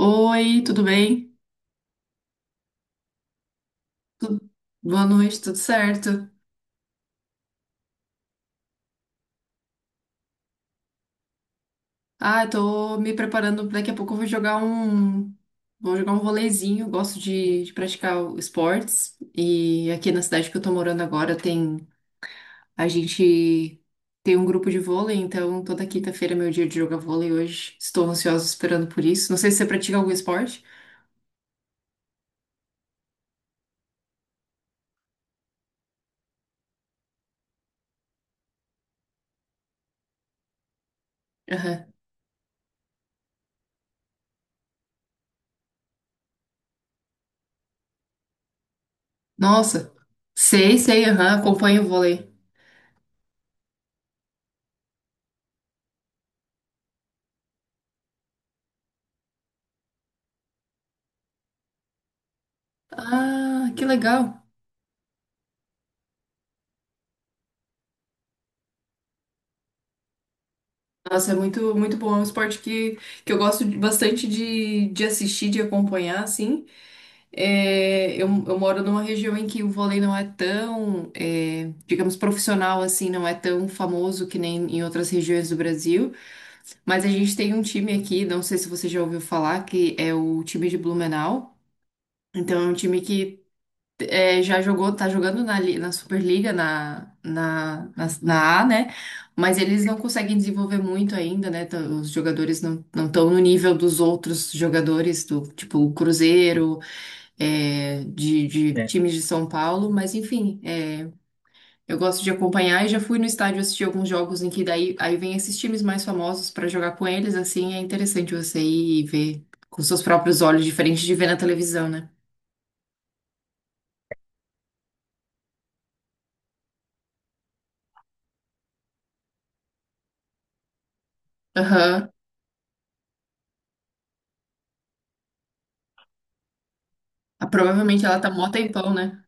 Oi, tudo bem? Tu- Boa noite, tudo certo? Ah, eu tô me preparando, daqui a pouco eu vou jogar um volezinho, eu gosto de praticar esportes, e aqui na cidade que eu tô morando agora tem, a gente tem um grupo de vôlei, então toda quinta-feira é meu dia de jogar vôlei hoje. Estou ansiosa esperando por isso, não sei se você pratica algum esporte? Aham. Nossa, sei, sei, aham, acompanho o vôlei. Ah, que legal. Nossa, é muito, muito bom. É um esporte que eu gosto bastante de assistir, de acompanhar, assim. É, eu moro numa região em que o vôlei não é é, digamos, profissional, assim, não é tão famoso que nem em outras regiões do Brasil. Mas a gente tem um time aqui, não sei se você já ouviu falar, que é o time de Blumenau. Então, é um time que já jogou, tá jogando na Superliga, na A, né? Mas eles não conseguem desenvolver muito ainda, né? Os jogadores não estão no nível dos outros jogadores, do tipo o Cruzeiro, é, de É. times de São Paulo, mas enfim, é, eu gosto de acompanhar e já fui no estádio assistir alguns jogos em que daí aí vem esses times mais famosos para jogar com eles, assim. É interessante você ir e ver com seus próprios olhos, diferente de ver na televisão, né? Aham. Ah, provavelmente ela tá mó tempão, né?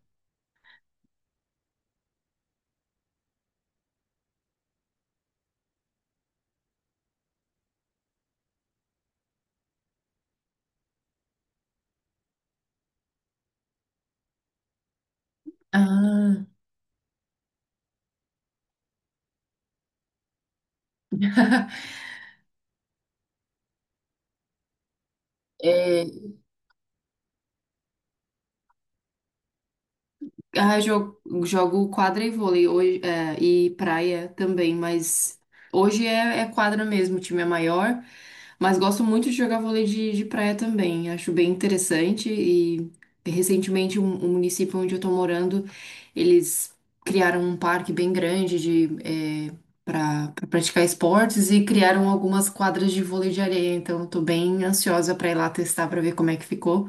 Ah. É, ah, jogo, jogo quadra e vôlei hoje, é, e praia também, mas hoje é quadra mesmo, o time é maior, mas gosto muito de jogar vôlei de praia também, acho bem interessante. E recentemente um município onde eu tô morando, eles criaram um parque bem grande de, é, para pra pra praticar esportes, e criaram algumas quadras de vôlei de areia, então eu tô bem ansiosa pra ir lá testar pra ver como é que ficou.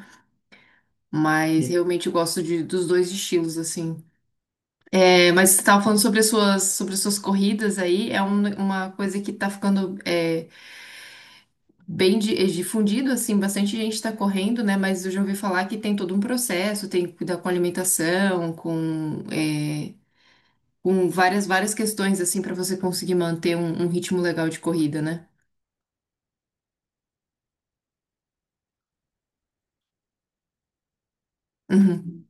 Mas realmente eu gosto dos dois estilos, assim. É, mas você estava falando sobre as suas corridas aí, é uma coisa que está ficando bem difundido, assim, bastante gente está correndo, né? Mas eu já ouvi falar que tem todo um processo, tem que cuidar com alimentação, com, é, com várias questões, assim, para você conseguir manter um ritmo legal de corrida, né? Uhum.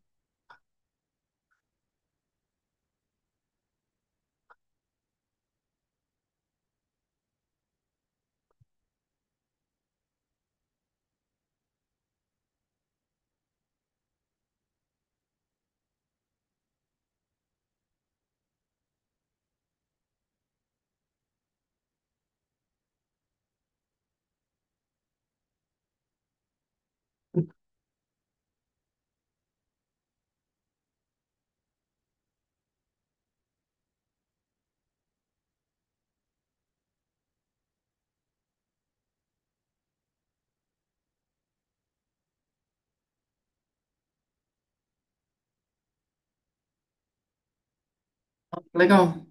Legal.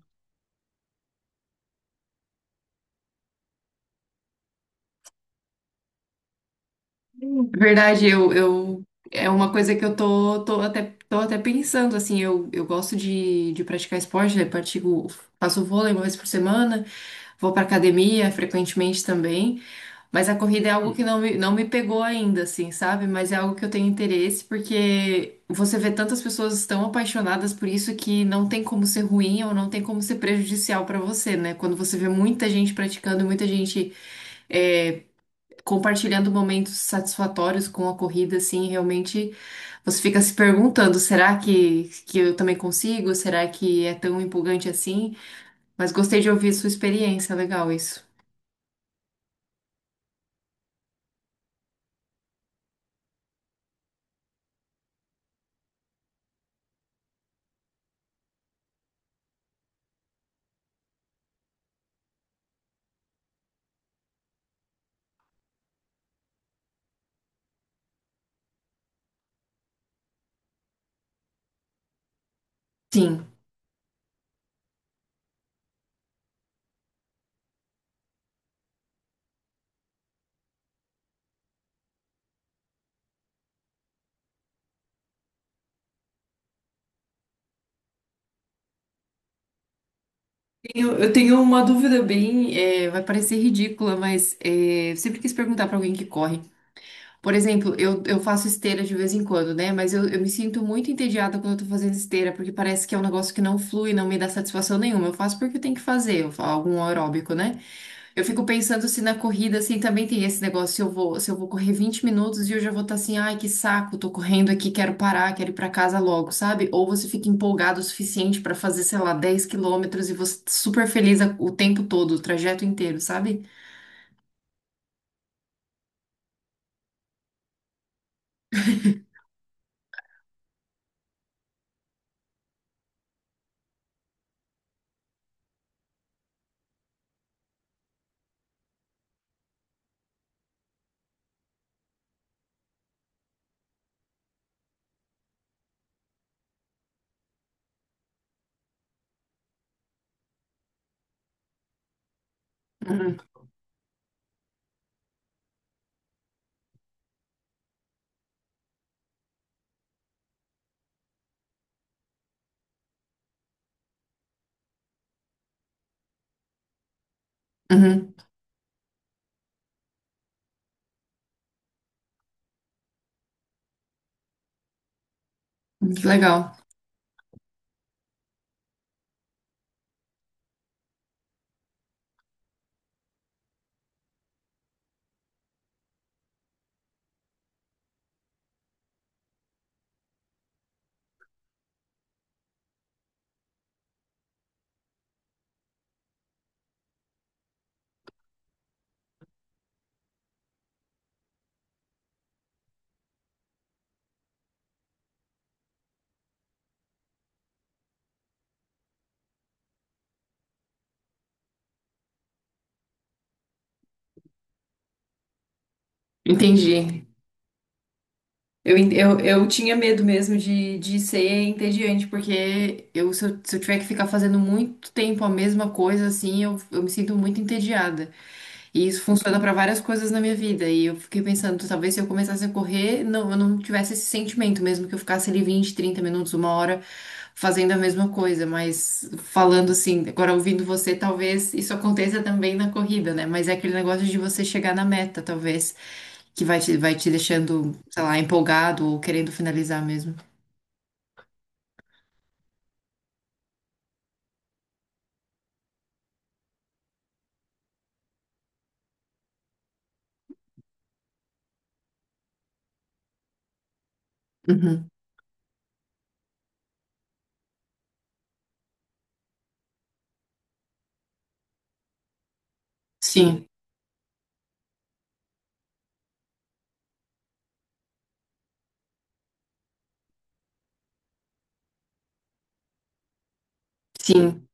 Verdade, é uma coisa que eu tô, tô até pensando, assim, eu gosto de praticar esporte, né? Pratico, faço vôlei uma vez por semana. Vou pra academia frequentemente também, mas a corrida é algo. Hum. Que não me pegou ainda, assim, sabe? Mas é algo que eu tenho interesse, porque você vê tantas pessoas tão apaixonadas por isso, que não tem como ser ruim ou não tem como ser prejudicial pra você, né? Quando você vê muita gente praticando, muita gente é, compartilhando momentos satisfatórios com a corrida, assim, realmente você fica se perguntando, será que eu também consigo? Será que é tão empolgante assim? Mas gostei de ouvir sua experiência, legal isso. Sim. Eu tenho uma dúvida bem, é, vai parecer ridícula, mas é, eu sempre quis perguntar pra alguém que corre. Por exemplo, eu faço esteira de vez em quando, né? Mas eu me sinto muito entediada quando eu tô fazendo esteira, porque parece que é um negócio que não flui, não me dá satisfação nenhuma. Eu faço porque eu tenho que fazer, eu faço algum aeróbico, né? Eu fico pensando se na corrida, assim, também tem esse negócio, se se eu vou correr 20 minutos e eu já vou estar assim, ai, que saco, tô correndo aqui, quero parar, quero ir pra casa logo, sabe? Ou você fica empolgado o suficiente pra fazer, sei lá, 10 quilômetros, e você tá super feliz o tempo todo, o trajeto inteiro, sabe? Uhum. Uhum. Que legal. Entendi. Eu tinha medo mesmo de ser entediante, porque eu, se eu tiver que ficar fazendo muito tempo a mesma coisa, assim, eu me sinto muito entediada. E isso funciona para várias coisas na minha vida. E eu fiquei pensando, talvez se eu começasse a correr, não, eu não tivesse esse sentimento, mesmo que eu ficasse ali 20, 30 minutos, uma hora fazendo a mesma coisa. Mas falando assim, agora ouvindo você, talvez isso aconteça também na corrida, né? Mas é aquele negócio de você chegar na meta, talvez, que vai te deixando, sei lá, empolgado ou querendo finalizar mesmo. Uhum. Sim, sim.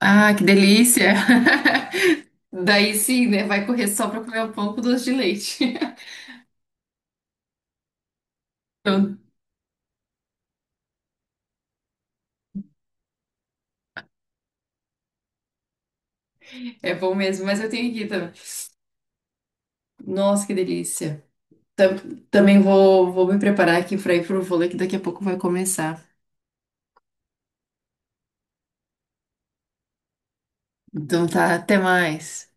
Ah, que delícia! Daí sim, né? Vai correr só para comer um pão com doce de leite. Então, é bom mesmo, mas eu tenho aqui também. Nossa, que delícia. Tam- Também vou, vou me preparar aqui para ir pro vôlei, que daqui a pouco vai começar. Então tá, até mais.